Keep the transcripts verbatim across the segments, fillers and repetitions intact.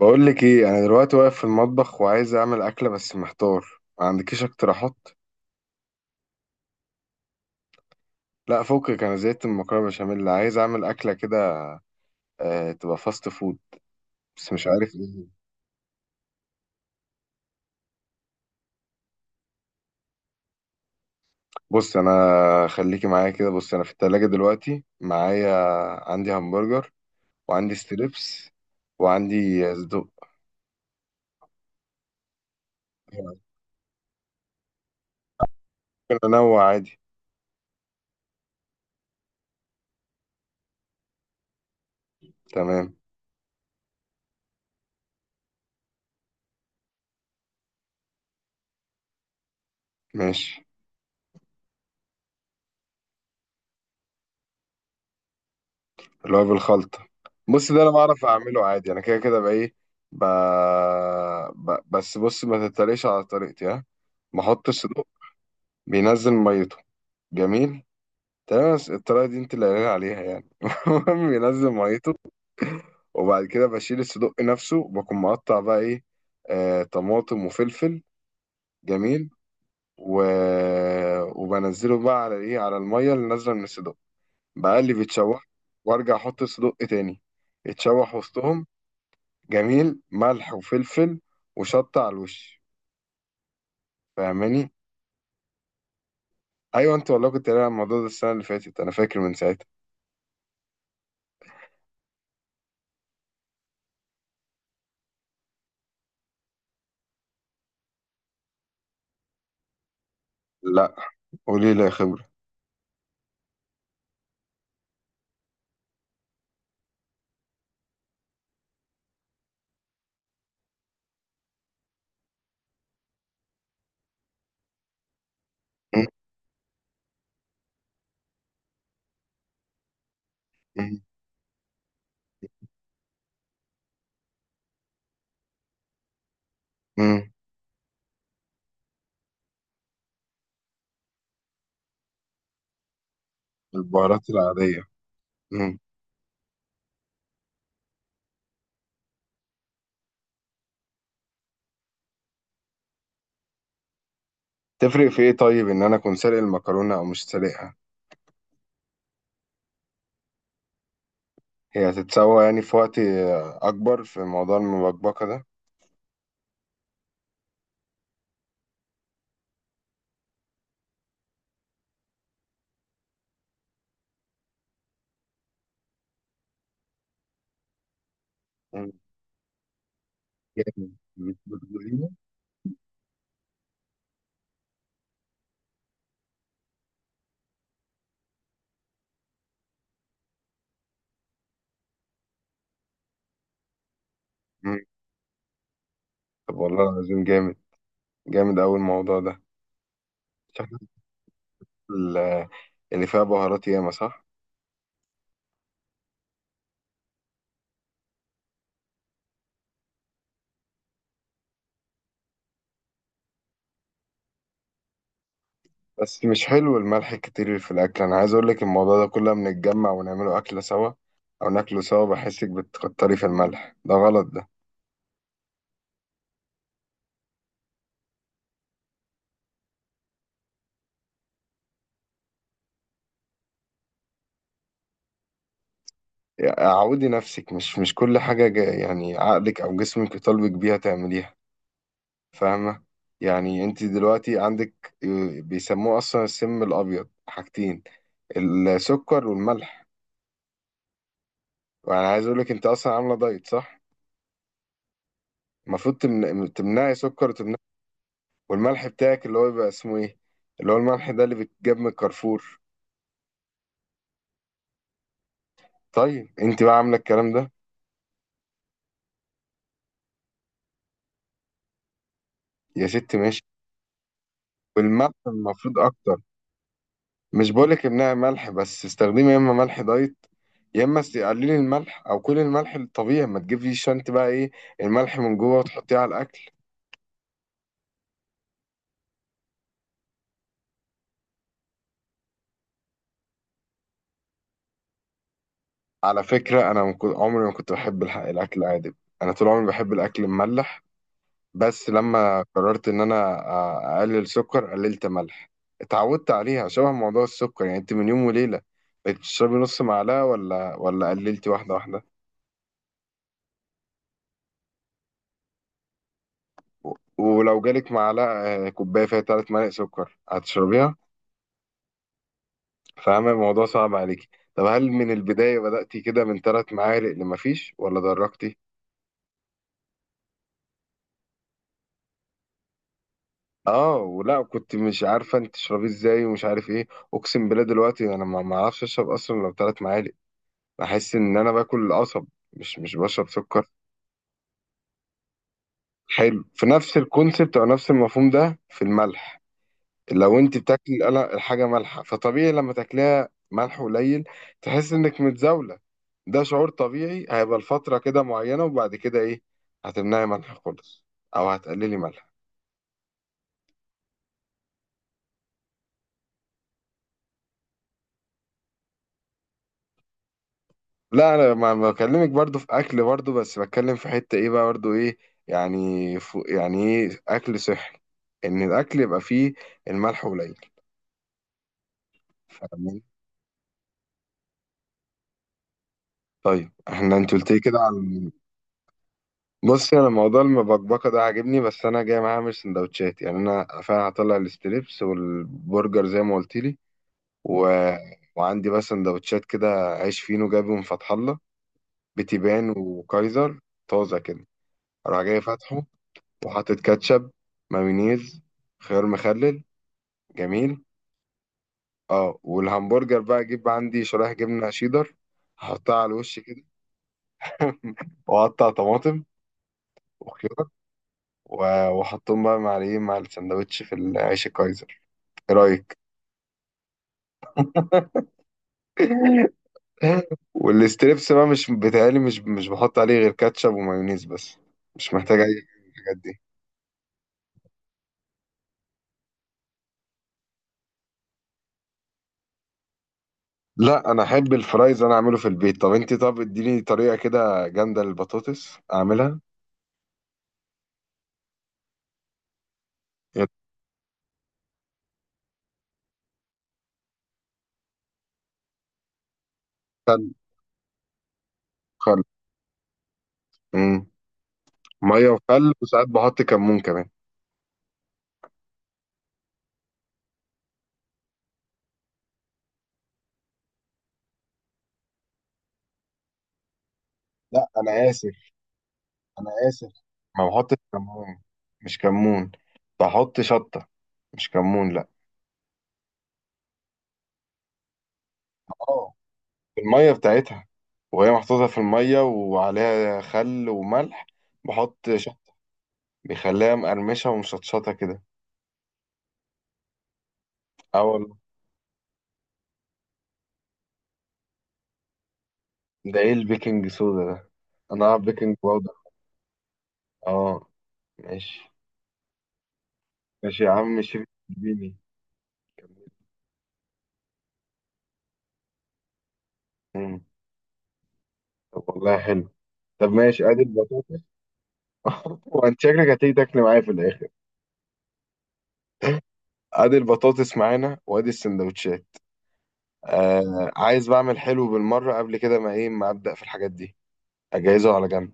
بقول لك ايه، انا دلوقتي واقف في المطبخ وعايز اعمل اكله بس محتار. ما عندكيش اقتراحات؟ لا، فكك، انا زهقت من المكرونه بشاميل، عايز اعمل اكله كده. آه، تبقى فاست فود. بس مش عارف ايه. بص انا، خليكي معايا كده، بص انا في التلاجة دلوقتي معايا. عندي همبرجر، وعندي ستريبس، وعندي صدوق. ممكن انوع عادي. تمام. ماشي. اللي هو بالخلطة. بص، ده انا بعرف اعمله عادي، انا كده كده بقى ايه. ب... ب... بس بص، ما تتريقش على طريقتي، ها. بحط الصدوق. بينزل ميته. جميل. تمام، بس الطريقة دي انت اللي قايل عليها يعني المهم بينزل ميته. وبعد كده بشيل الصدوق نفسه وبكون مقطع بقى ايه. آه، طماطم وفلفل. جميل. و... وبنزله بقى على ايه، على المية اللي نازلة من الصدوق. بقلب يتشوح. وارجع احط الصدوق تاني. يتشوح وسطهم. جميل، ملح وفلفل. وشطة على الوش. فاهماني؟ ايوه، انت والله كنت قايل على الموضوع ده السنة اللي فاتت، انا فاكر من ساعتها. لا، قولي لي يا خبرة. م- م- م. البهارات العادية. م. تفرق في ايه، طيب ان انا اكون سالق المكرونة او مش سالقها؟ هي هتتسوى يعني في وقت آه، اكبر في موضوع المبكبكة ده. م. جامد مش بتقوليني؟ م. طب والله العظيم جامد. جامد اوي الموضوع ده. شكلك ال- اللي فيها بهارات ياما صح. بس مش حلو الملح الكتير في الأكل، أنا عايز أقولك الموضوع ده كله لما نتجمع ونعمله أكلة سوا أو ناكله سوا، بحسك بتكتري في الملح، ده غلط ده. يعني عودي نفسك، مش مش كل حاجة جا- يعني عقلك أو جسمك يطالبك بيها تعمليها، فاهمة؟ يعني أنت دلوقتي عندك آه، بيسموه أصلا السم الأبيض، حاجتين: السكر والملح. وأنا عايز أقولك أنت أصلا عاملة دايت، صح؟ المفروض تمن- تمنعي سكر وتمنعي. والملح بتاعك اللي هو بيبقى اسمه ايه، اللي هو الملح ده اللي بيتجاب من الكارفور، طيب انت بقى عامله الكلام ده؟ يا ست ماشي، والملح المفروض اكتر. مش بقولك امنعي ملح، بس استخدمي يا اما ملح دايت، يا اما است- قللي الملح، او كل الملح الطبيعي ما تجيبيش انت بقى ايه الملح من جوه وتحطيه على الاكل. على فكره، انا ما كنت- عمري ما كنت بحب الح- الاكل العادي. انا طول عمري بحب الاكل المملح. بس لما قررت ان انا أ- اقلل سكر، قللت ملح. اتعودت عليها. شبه موضوع السكر، يعني انت من يوم وليله بقيت تشربي نص معلقه، ولا ولا قللتي واحده واحده؟ ولو جالك معلقه، آه، كوبايه فيها ثلاث معالق سكر، هتشربيها؟ فاهمه الموضوع صعب عليكي. طب هل من البدايه بدأتي كده من ثلاث معالق، لما فيش، ولا درجتي؟ اه، ولا كنت مش عارفه انت تشربيه ازاي ومش عارف ايه؟ اقسم بالله دلوقتي انا ما ما اعرفش اشرب اصلا لو ثلاث معالق. بحس ان انا باكل قصب، مش مش بشرب سكر. حلو، في نفس الكونسبت او نفس المفهوم ده في الملح. لو انت بتاكل قلق- الحاجه مالحه، فطبيعي لما تاكلها ملح قليل تحس انك متزاوله. ده شعور طبيعي هيبقى لفتره كده معينه، وبعد كده ايه، هتمنعي ملح خالص، او هتقللي ملح. لا، انا ما بكلمك برضو في اكل برضو، بس بتكلم في حته ايه بقى برضو ايه، يعني فو- يعني ايه اكل صحي، ان الاكل يبقى فيه الملح قليل. طيب احنا انت قلت لي كده عن، بصي انا موضوع المبكبكه ده عاجبني، بس انا جاي معايا اعمل سندوتشات يعني، انا فعلا هطلع الستريبس والبرجر زي ما قلت لي. و... وعندي بقى سندوتشات كده. عيش فينو جايبه من فتح الله، بتيبان وكايزر طازه كده. اروح جاي فاتحه، وحاطط كاتشب، مايونيز، خيار مخلل. جميل. اه، والهمبرجر بقى اجيب عندي شرايح جبنه شيدر، احطها على الوش كده. واقطع طماطم وخيار، و- وحطهم بقى مع الايه، مع السندوتش في العيش الكايزر. ايه رايك؟ والستريبس بقى مش بتهيألي، مش مش بحط عليه غير كاتشب ومايونيز بس، مش محتاج اي حاجة من الحاجات دي. لا انا احب الفرايز، انا اعمله في البيت. طب انت، طب اديني طريقه كده جامده للبطاطس اعملها. يا، خل. خل. مم. ميه وخل، وساعات بحط كمون كمان. لا انا اسف، انا اسف، ما بحطش كمون، مش كمون، بحط شطه، مش كمون لا. اه، المية بتاعتها، وهي محطوطة في المية وعليها خل وملح، بحط شط. بيخليها مقرمشة ومشطشطة كده. أول، ده إيه البيكنج سودا ده؟ أنا أعرف بيكنج باودر. أه، ماشي. ماشي يا عم شيف، اديني. مم. طب والله حلو. طب ماشي، أدي البطاطس. وأنت شكلك هتيجي تاكل معايا في الآخر. أدي البطاطس معانا، وأدي السندوتشات. آه، عايز بعمل حلو بالمرة، قبل كده ما إيه، ما أبدأ في الحاجات دي، أجهزه على جنب.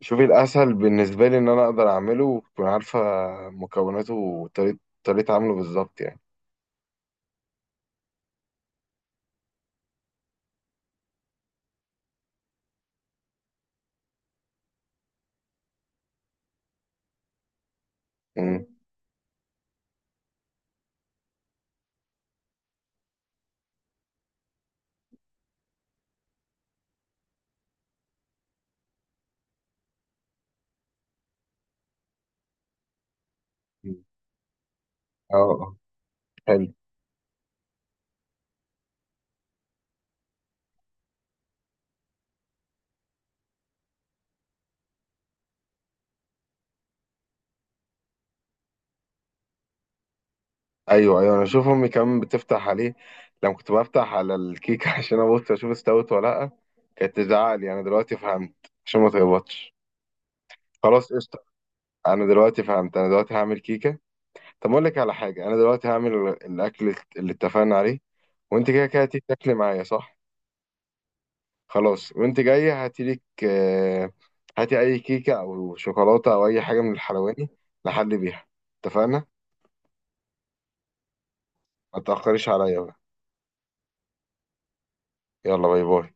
شوفي الأسهل بالنسبة لي إن أنا أقدر أعمله وتكون عارفة مكوناته وطريقة، طريقة عمله بالظبط يعني. مم. مم. اه، آه. حلو. أيوه أيوه، أنا أشوف أمي كمان بتفتح عليه. لما كنت بفتح على الكيكة عشان أبص أشوف استوت ولا لأ، كانت تزعق لي. أنا دلوقتي فهمت، عشان ما تغلطش. خلاص، قشطة. أنا دلوقتي فهمت، أنا دلوقتي هعمل كيكة. طب أقول لك على حاجة، أنا دلوقتي هعمل الأكل اللي اتفقنا عليه، وأنت كده كده هتيجي تاكلي معايا صح؟ خلاص، وانت جاية هاتي لك آه، هاتي اي كيكة او شوكولاتة او اي حاجة من الحلواني لحد بيها. اتفقنا. ما تأخريش عليا بقى. يلا باي باي.